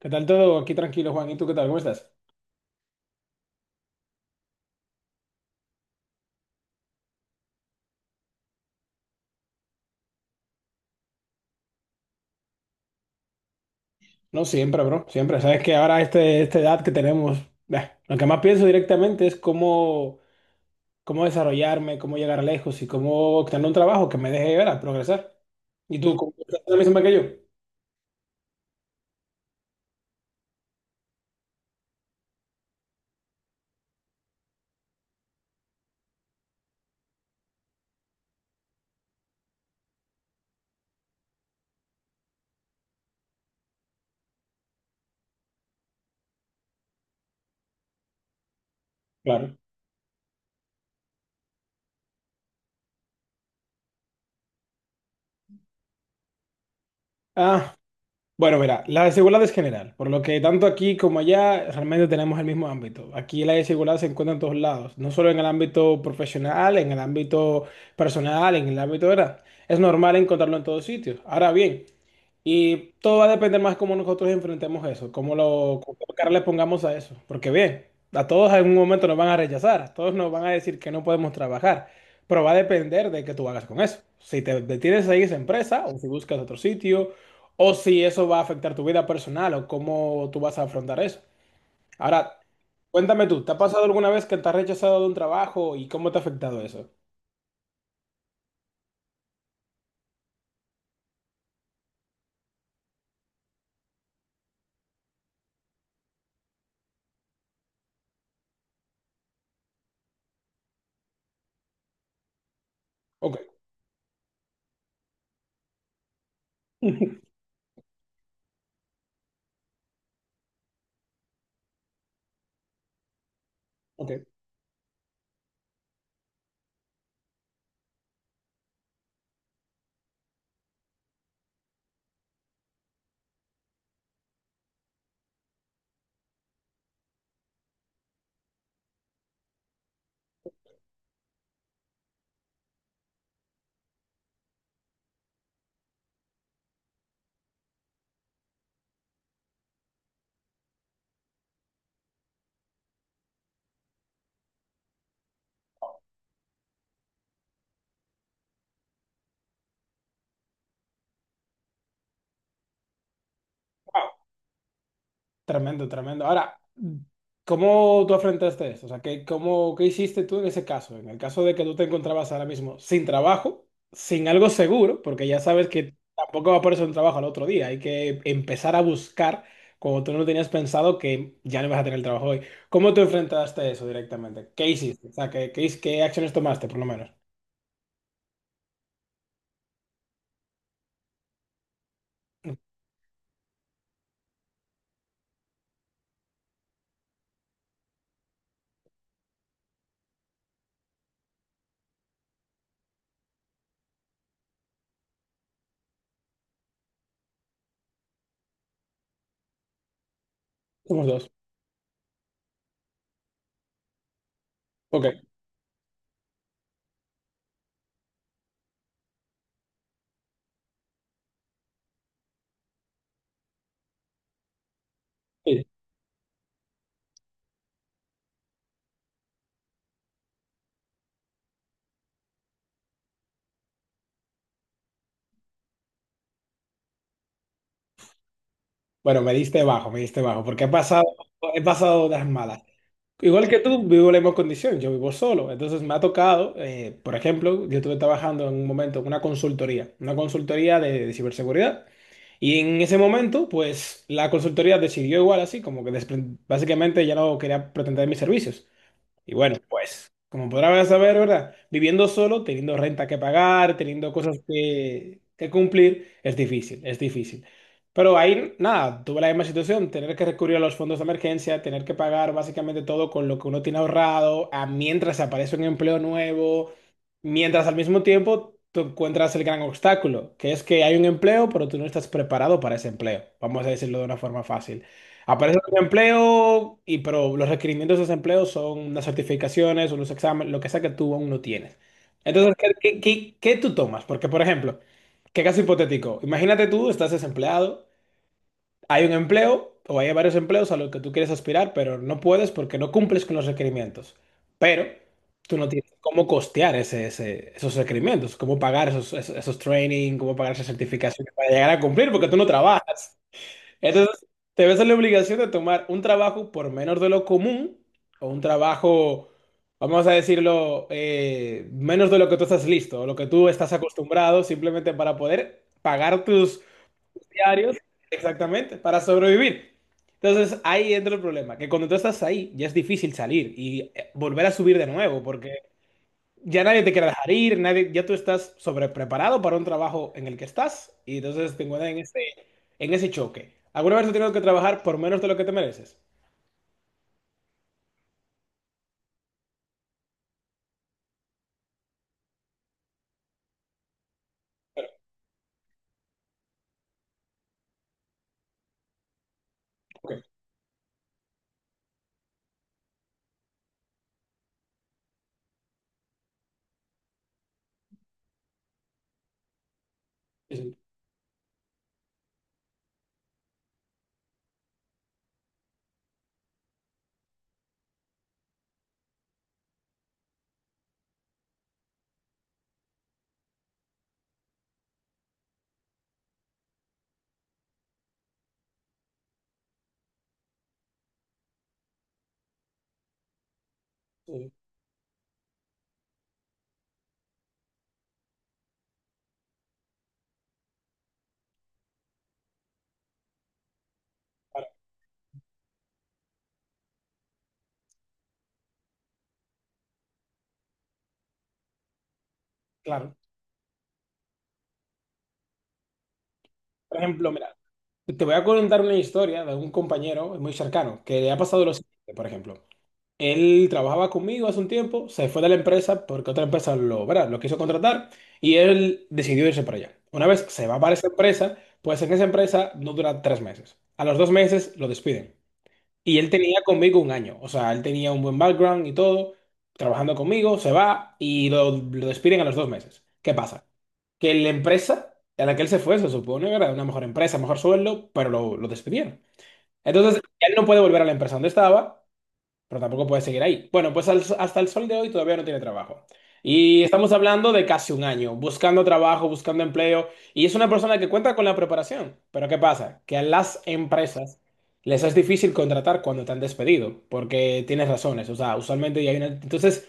¿Qué tal todo? Aquí tranquilo, Juan. ¿Y tú qué tal? ¿Cómo estás? No, siempre, bro. Siempre. Sabes que ahora esta edad que tenemos, bah, lo que más pienso directamente es cómo desarrollarme, cómo llegar lejos y cómo tener un trabajo que me deje ver a progresar. ¿Y tú, cómo estás la misma que yo? Claro. Ah, bueno, mira, la desigualdad es general, por lo que tanto aquí como allá realmente tenemos el mismo ámbito. Aquí la desigualdad se encuentra en todos lados, no solo en el ámbito profesional, en el ámbito personal, en el ámbito, ¿verdad? Es normal encontrarlo en todos sitios. Ahora bien, y todo va a depender más cómo nosotros enfrentemos eso, cómo cara le pongamos a eso. Porque bien, a todos en algún momento nos van a rechazar, a todos nos van a decir que no podemos trabajar, pero va a depender de qué tú hagas con eso. Si te detienes ahí esa empresa, o si buscas otro sitio, o si eso va a afectar tu vida personal, o cómo tú vas a afrontar eso. Ahora, cuéntame tú, ¿te ha pasado alguna vez que te has rechazado de un trabajo y cómo te ha afectado eso? Ok. Ok. Wow. Tremendo, tremendo. Ahora, ¿cómo tú afrontaste esto? O sea, ¿qué hiciste tú en ese caso? En el caso de que tú te encontrabas ahora mismo sin trabajo, sin algo seguro, porque ya sabes que tampoco va a aparecer un trabajo al otro día, hay que empezar a buscar cuando tú no tenías pensado que ya no vas a tener el trabajo hoy. ¿Cómo te enfrentaste a eso directamente? ¿Qué hiciste? O sea, ¿qué acciones tomaste, por lo menos? Somos dos. Ok. Sí. Bueno, me diste bajo, porque he pasado las malas. Igual que tú, vivo la misma condición, yo vivo solo. Entonces me ha tocado, por ejemplo, yo estuve trabajando en un momento en una consultoría de ciberseguridad. Y en ese momento, pues la consultoría decidió igual así, como que básicamente ya no quería pretender mis servicios. Y bueno, pues, como podrás saber, ¿verdad? Viviendo solo, teniendo renta que pagar, teniendo cosas que cumplir, es difícil, es difícil. Pero ahí, nada, tuve la misma situación, tener que recurrir a los fondos de emergencia, tener que pagar básicamente todo con lo que uno tiene ahorrado, a mientras aparece un empleo nuevo, mientras al mismo tiempo tú encuentras el gran obstáculo, que es que hay un empleo, pero tú no estás preparado para ese empleo, vamos a decirlo de una forma fácil. Aparece el desempleo, y, pero los requerimientos de desempleo son las certificaciones o los exámenes, lo que sea que tú aún no tienes. Entonces, ¿qué tú tomas? Porque, por ejemplo, qué caso hipotético. Imagínate tú, estás desempleado, hay un empleo o hay varios empleos a los que tú quieres aspirar, pero no puedes porque no cumples con los requerimientos. Pero tú no tienes cómo costear esos requerimientos, cómo pagar esos training, cómo pagar esas certificaciones para llegar a cumplir porque tú no trabajas. Entonces, te ves en la obligación de tomar un trabajo por menos de lo común o un trabajo, vamos a decirlo, menos de lo que tú estás listo, o lo que tú estás acostumbrado simplemente para poder pagar tus... Exactamente, para sobrevivir. Entonces ahí entra el problema, que cuando tú estás ahí ya es difícil salir y volver a subir de nuevo, porque ya nadie te quiere dejar ir, nadie, ya tú estás sobrepreparado para un trabajo en el que estás y entonces te encuentras en ese choque. ¿Alguna vez has tenido que trabajar por menos de lo que te mereces? Pero, ok, sí, sí, sí, claro, claro. Por ejemplo, mira, te voy a contar una historia de un compañero muy cercano que le ha pasado lo siguiente, por ejemplo. Él trabajaba conmigo hace un tiempo, se fue de la empresa porque otra empresa lo, ¿verdad? Lo quiso contratar y él decidió irse para allá. Una vez se va para esa empresa, pues en esa empresa no dura tres meses. A los dos meses lo despiden. Y él tenía conmigo un año, o sea, él tenía un buen background y todo, trabajando conmigo, se va y lo despiden a los dos meses. ¿Qué pasa? Que la empresa a la que él se fue, se supone, era una mejor empresa, mejor sueldo, pero lo despidieron. Entonces, él no puede volver a la empresa donde estaba pero tampoco puede seguir ahí. Bueno, pues hasta el sol de hoy todavía no tiene trabajo. Y estamos hablando de casi un año, buscando trabajo, buscando empleo, y es una persona que cuenta con la preparación. Pero ¿qué pasa? Que a las empresas les es difícil contratar cuando te han despedido, porque tienes razones, o sea, usualmente ya hay una... Entonces,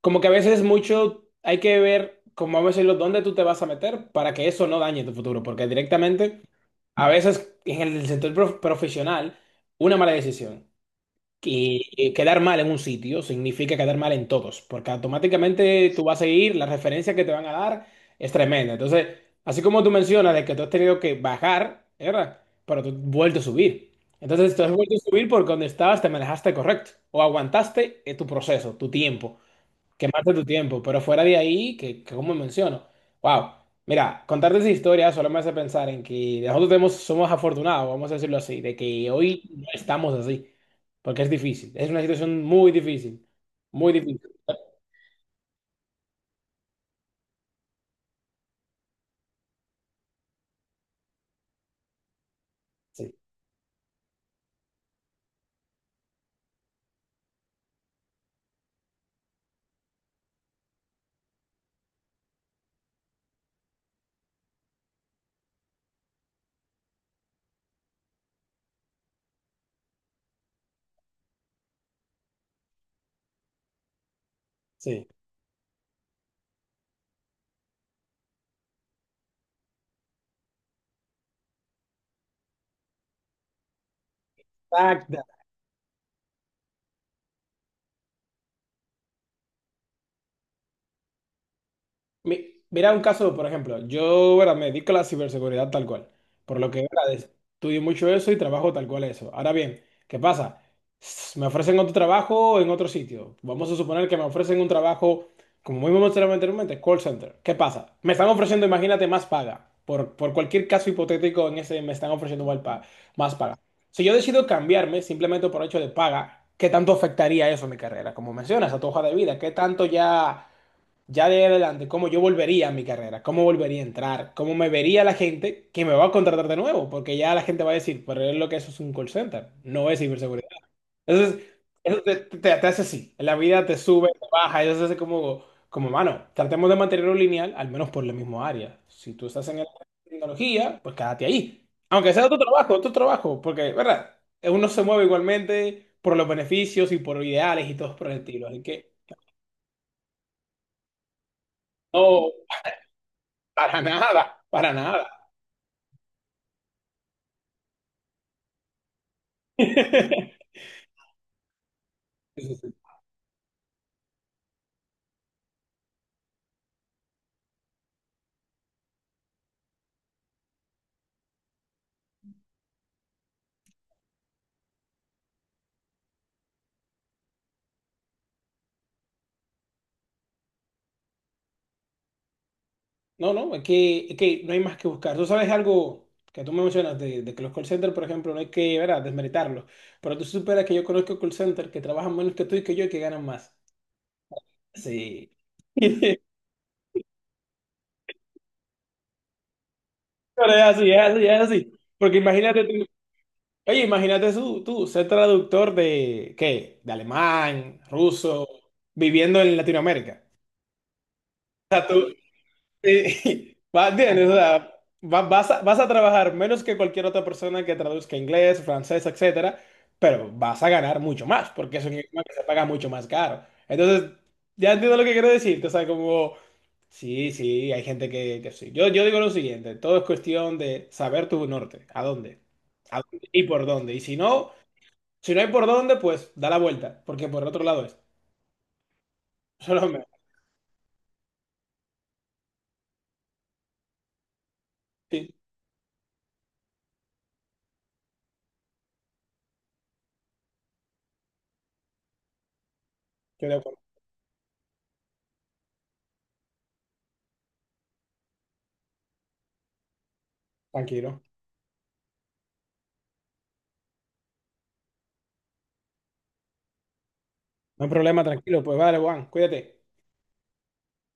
como que a veces mucho hay que ver, como vamos a decirlo, dónde tú te vas a meter para que eso no dañe tu futuro, porque directamente... A veces en el sector profesional, una mala decisión. Y quedar mal en un sitio significa quedar mal en todos, porque automáticamente tú vas a ir, la referencia que te van a dar es tremenda. Entonces, así como tú mencionas de que tú has tenido que bajar, ¿verdad? Pero tú has vuelto a subir. Entonces, tú has vuelto a subir porque donde estabas te manejaste correcto o aguantaste tu proceso, tu tiempo. Quemaste tu tiempo, pero fuera de ahí, que como menciono, wow, mira, contarte esa historia solo me hace pensar en que nosotros tenemos, somos afortunados, vamos a decirlo así, de que hoy no estamos así, porque es difícil, es una situación muy difícil, sí, sí. Exacto. Mira un caso, por ejemplo, yo ahora me dedico a la ciberseguridad tal cual, por lo que ahora estudio mucho eso y trabajo tal cual eso. Ahora bien, ¿qué pasa? Me ofrecen otro trabajo en otro sitio. Vamos a suponer que me ofrecen un trabajo, como muy mencionaba anteriormente, call center. ¿Qué pasa? Me están ofreciendo, imagínate, más paga. Por cualquier caso hipotético en ese, me están ofreciendo más paga. Si yo decido cambiarme simplemente por hecho de paga, ¿qué tanto afectaría eso a mi carrera? Como mencionas, a tu hoja de vida, ¿qué tanto ya ya de ahí adelante, cómo yo volvería a mi carrera, cómo volvería a entrar, cómo me vería la gente que me va a contratar de nuevo, porque ya la gente va a decir, pero es lo que eso es un call center, no es ciberseguridad. Entonces, eso te hace así, en la vida te sube, te baja, eso hace como, mano, tratemos de mantenerlo lineal, al menos por la misma área. Si tú estás en el área de tecnología, pues quédate ahí. Aunque sea otro trabajo, porque, ¿verdad? Uno se mueve igualmente por los beneficios y por ideales y todo por el estilo. Así que... No, para nada, para nada. Sí, sí. No, no, es que no hay más que buscar. Tú sabes algo que tú me mencionas de que los call centers, por ejemplo, no hay que, ¿verdad?, desmeritarlos. Pero tú superas que yo conozco call centers que trabajan menos que tú y que yo y que ganan más. Sí. Pero es así, es así, es así. Porque imagínate tú, oye, imagínate tú, tú ser traductor de, ¿qué? De alemán, ruso, viviendo en Latinoamérica. Va- ¿Entiendes? O sea, vas a trabajar menos que cualquier otra persona que traduzca inglés, francés, etcétera, pero vas a ganar mucho más, porque es un idioma que se paga mucho más caro. Entonces, ya entiendo lo que quiero decirte, o sea, como, sí, sí, hay gente que sí. Yo digo lo siguiente, todo es cuestión de saber tu norte, a dónde y por dónde. Y si no, si no hay por dónde, pues da la vuelta, porque por el otro lado es. Solo me... Sí, estoy de acuerdo, tranquilo. No hay problema, tranquilo, pues vale, Juan, cuídate.